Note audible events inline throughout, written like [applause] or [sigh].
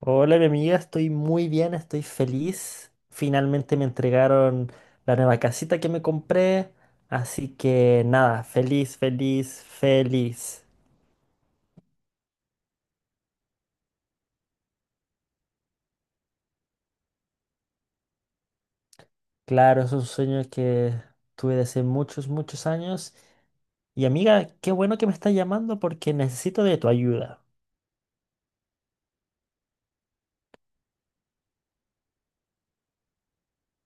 Hola, mi amiga, estoy muy bien, estoy feliz. Finalmente me entregaron la nueva casita que me compré. Así que nada, feliz, feliz, feliz. Claro, es un sueño que tuve desde muchos, muchos años. Y amiga, qué bueno que me estás llamando porque necesito de tu ayuda.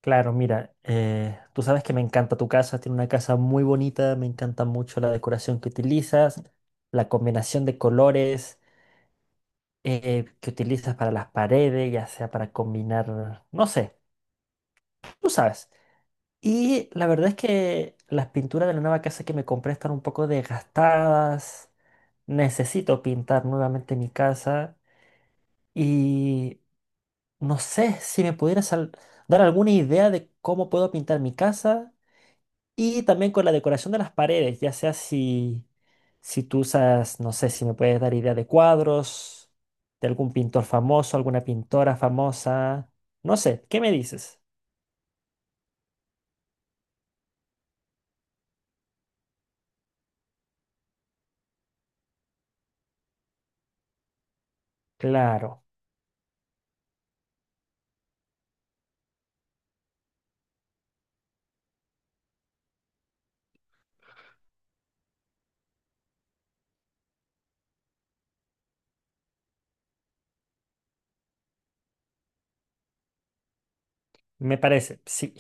Claro, mira, tú sabes que me encanta tu casa, tiene una casa muy bonita, me encanta mucho la decoración que utilizas, la combinación de colores. Que utilizas para las paredes, ya sea para combinar, no sé, tú sabes. Y la verdad es que las pinturas de la nueva casa que me compré están un poco desgastadas. Necesito pintar nuevamente mi casa, y no sé si me pudieras dar alguna idea de cómo puedo pintar mi casa. Y también con la decoración de las paredes, ya sea si, si tú usas, no sé si me puedes dar idea de cuadros, de algún pintor famoso, alguna pintora famosa, no sé, ¿qué me dices? Claro, me parece, sí,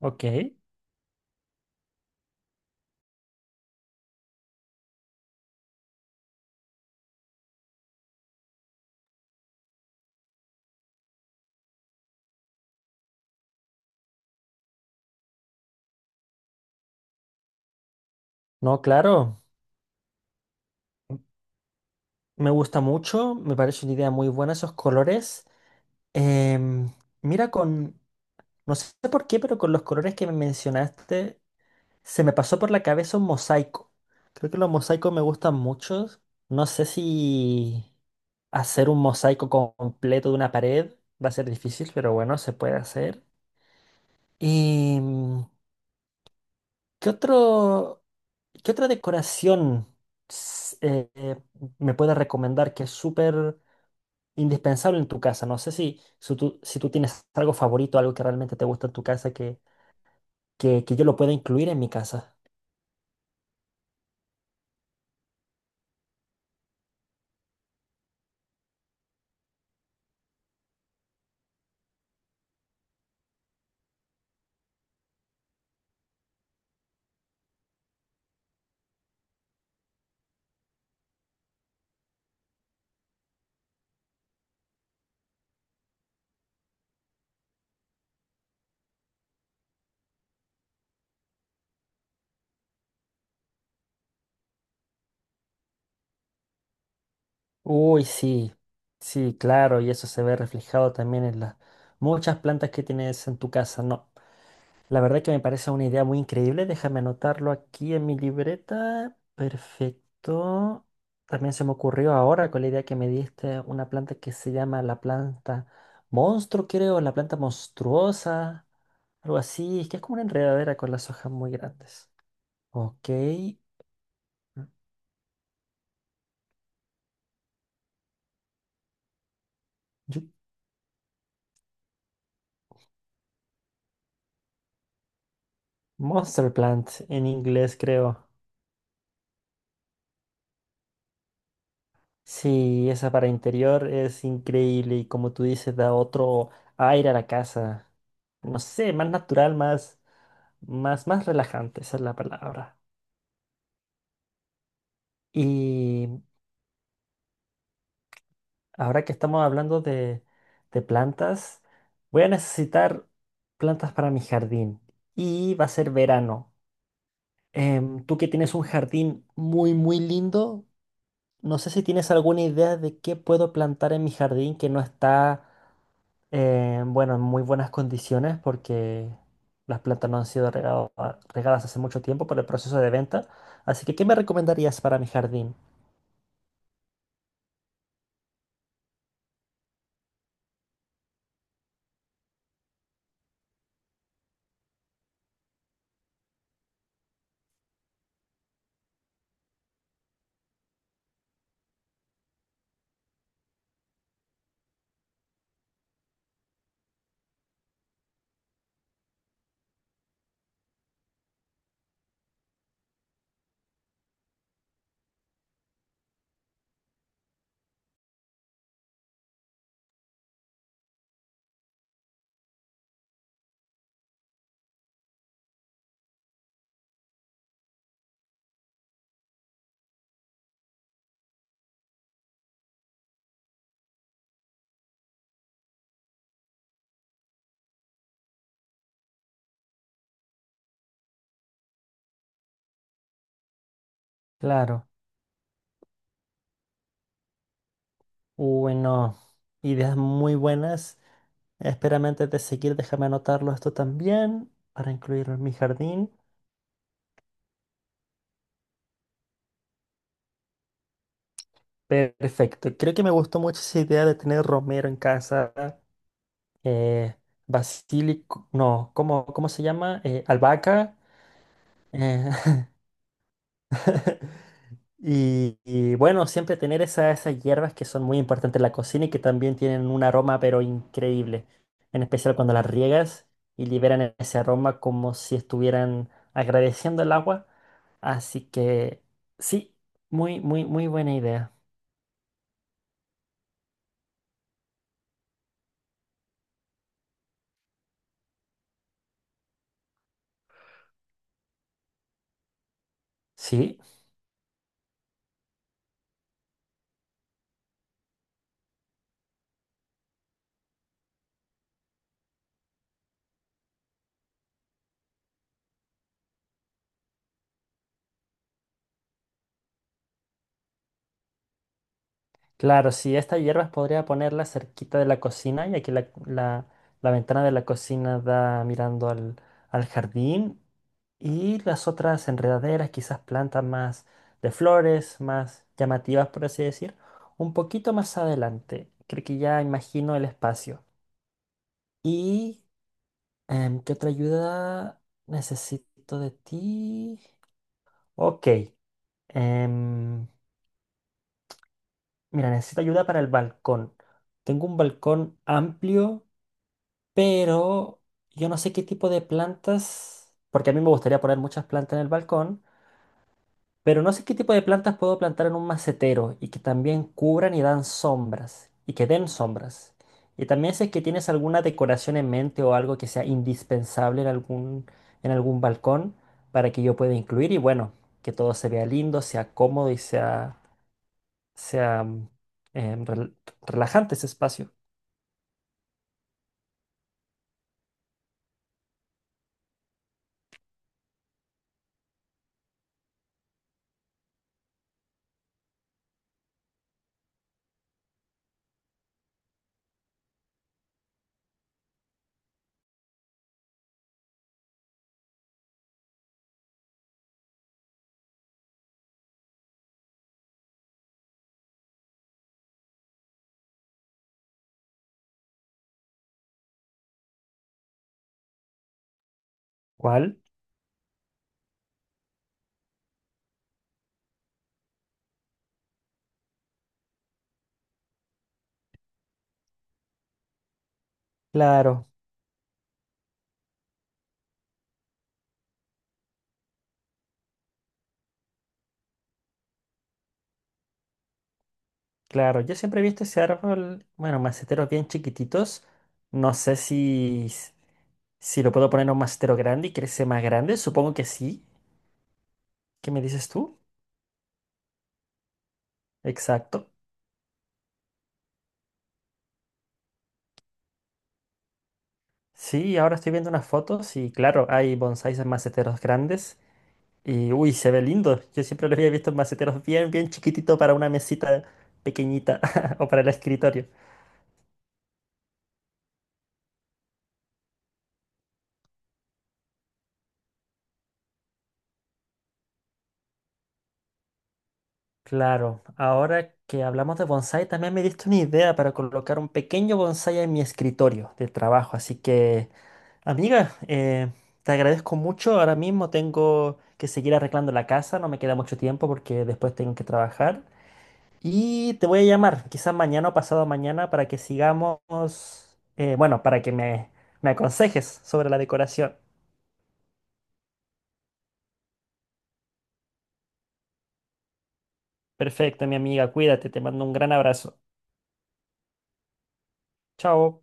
ok. No, claro, me gusta mucho, me parece una idea muy buena esos colores. Em, Mira, con, no sé por qué, pero con los colores que me mencionaste se me pasó por la cabeza un mosaico. Creo que los mosaicos me gustan mucho. No sé si hacer un mosaico completo de una pared va a ser difícil, pero bueno, se puede hacer. ¿Y qué otro, qué otra decoración s- eh, eh, me puedes recomendar que es súper indispensable en tu casa? No sé si, si tú, si tú tienes algo favorito, algo que realmente te gusta en tu casa que yo lo pueda incluir en mi casa. Uy, sí, sí, claro, y eso se ve reflejado también en las muchas plantas que tienes en tu casa. No, la verdad que me parece una idea muy increíble. Déjame anotarlo aquí en mi libreta. Perfecto. También se me ocurrió ahora con la idea que me diste una planta que se llama la planta monstruo, creo, la planta monstruosa, algo así, que es como una enredadera con las hojas muy grandes. Ok, yo- monster plant en inglés, creo. Sí, esa para interior es increíble y como tú dices, da otro aire a la casa. No sé, más natural, más relajante, esa es la palabra. Y ahora que estamos hablando de plantas, voy a necesitar plantas para mi jardín y va a ser verano. Tú que tienes un jardín muy, muy lindo, no sé si tienes alguna idea de qué puedo plantar en mi jardín que no está. Bueno, en muy buenas condiciones porque las plantas no han sido regadas hace mucho tiempo por el proceso de venta. Así que, ¿qué me recomendarías para mi jardín? Claro, bueno, ideas muy buenas. Espérame antes de seguir, déjame anotarlo esto también para incluirlo en mi jardín. Perfecto, creo que me gustó mucho esa idea de tener romero en casa, eh, basílico, no, ¿cómo, cómo se llama? Albahaca. eh, [laughs] Y, y bueno, siempre tener esas hierbas que son muy importantes en la cocina y que también tienen un aroma pero increíble, en especial cuando las riegas y liberan ese aroma como si estuvieran agradeciendo el agua. Así que sí, muy, muy, muy buena idea. Sí, claro, sí, estas hierbas podría ponerlas cerquita de la cocina, y aquí la ventana de la cocina da mirando al, al jardín. Y las otras enredaderas, quizás plantas más de flores, más llamativas, por así decir, un poquito más adelante. Creo que ya imagino el espacio. ¿Y qué otra ayuda necesito de ti? Ok. em, Mira, necesito ayuda para el balcón. Tengo un balcón amplio, pero yo no sé qué tipo de plantas, porque a mí me gustaría poner muchas plantas en el balcón. Pero no sé qué tipo de plantas puedo plantar en un macetero y que también cubran y dan sombras, y que den sombras. Y también sé que tienes alguna decoración en mente o algo que sea indispensable en algún balcón para que yo pueda incluir y bueno, que todo se vea lindo, sea cómodo y sea, sea em, rel- relajante ese espacio. ¿Cuál? Claro, claro. Yo siempre he visto ese árbol, bueno, maceteros bien chiquititos. No sé si si lo puedo poner en un mastero grande y crece más grande, supongo que sí. ¿Qué me dices tú? Exacto. Sí, ahora estoy viendo unas fotos y claro, hay bonsáis en maceteros grandes. Y uy, se ve lindo. Yo siempre lo había visto en maceteros bien, bien chiquitito para una mesita pequeñita [laughs] o para el escritorio. Claro, ahora que hablamos de bonsái, también me diste una idea para colocar un pequeño bonsái en mi escritorio de trabajo. Así que amiga, te agradezco mucho. Ahora mismo tengo que seguir arreglando la casa, no me queda mucho tiempo porque después tengo que trabajar. Y te voy a llamar, quizás mañana o pasado mañana, para que sigamos, bueno, para que me aconsejes sobre la decoración. Perfecto, mi amiga, cuídate, te mando un gran abrazo. Chao.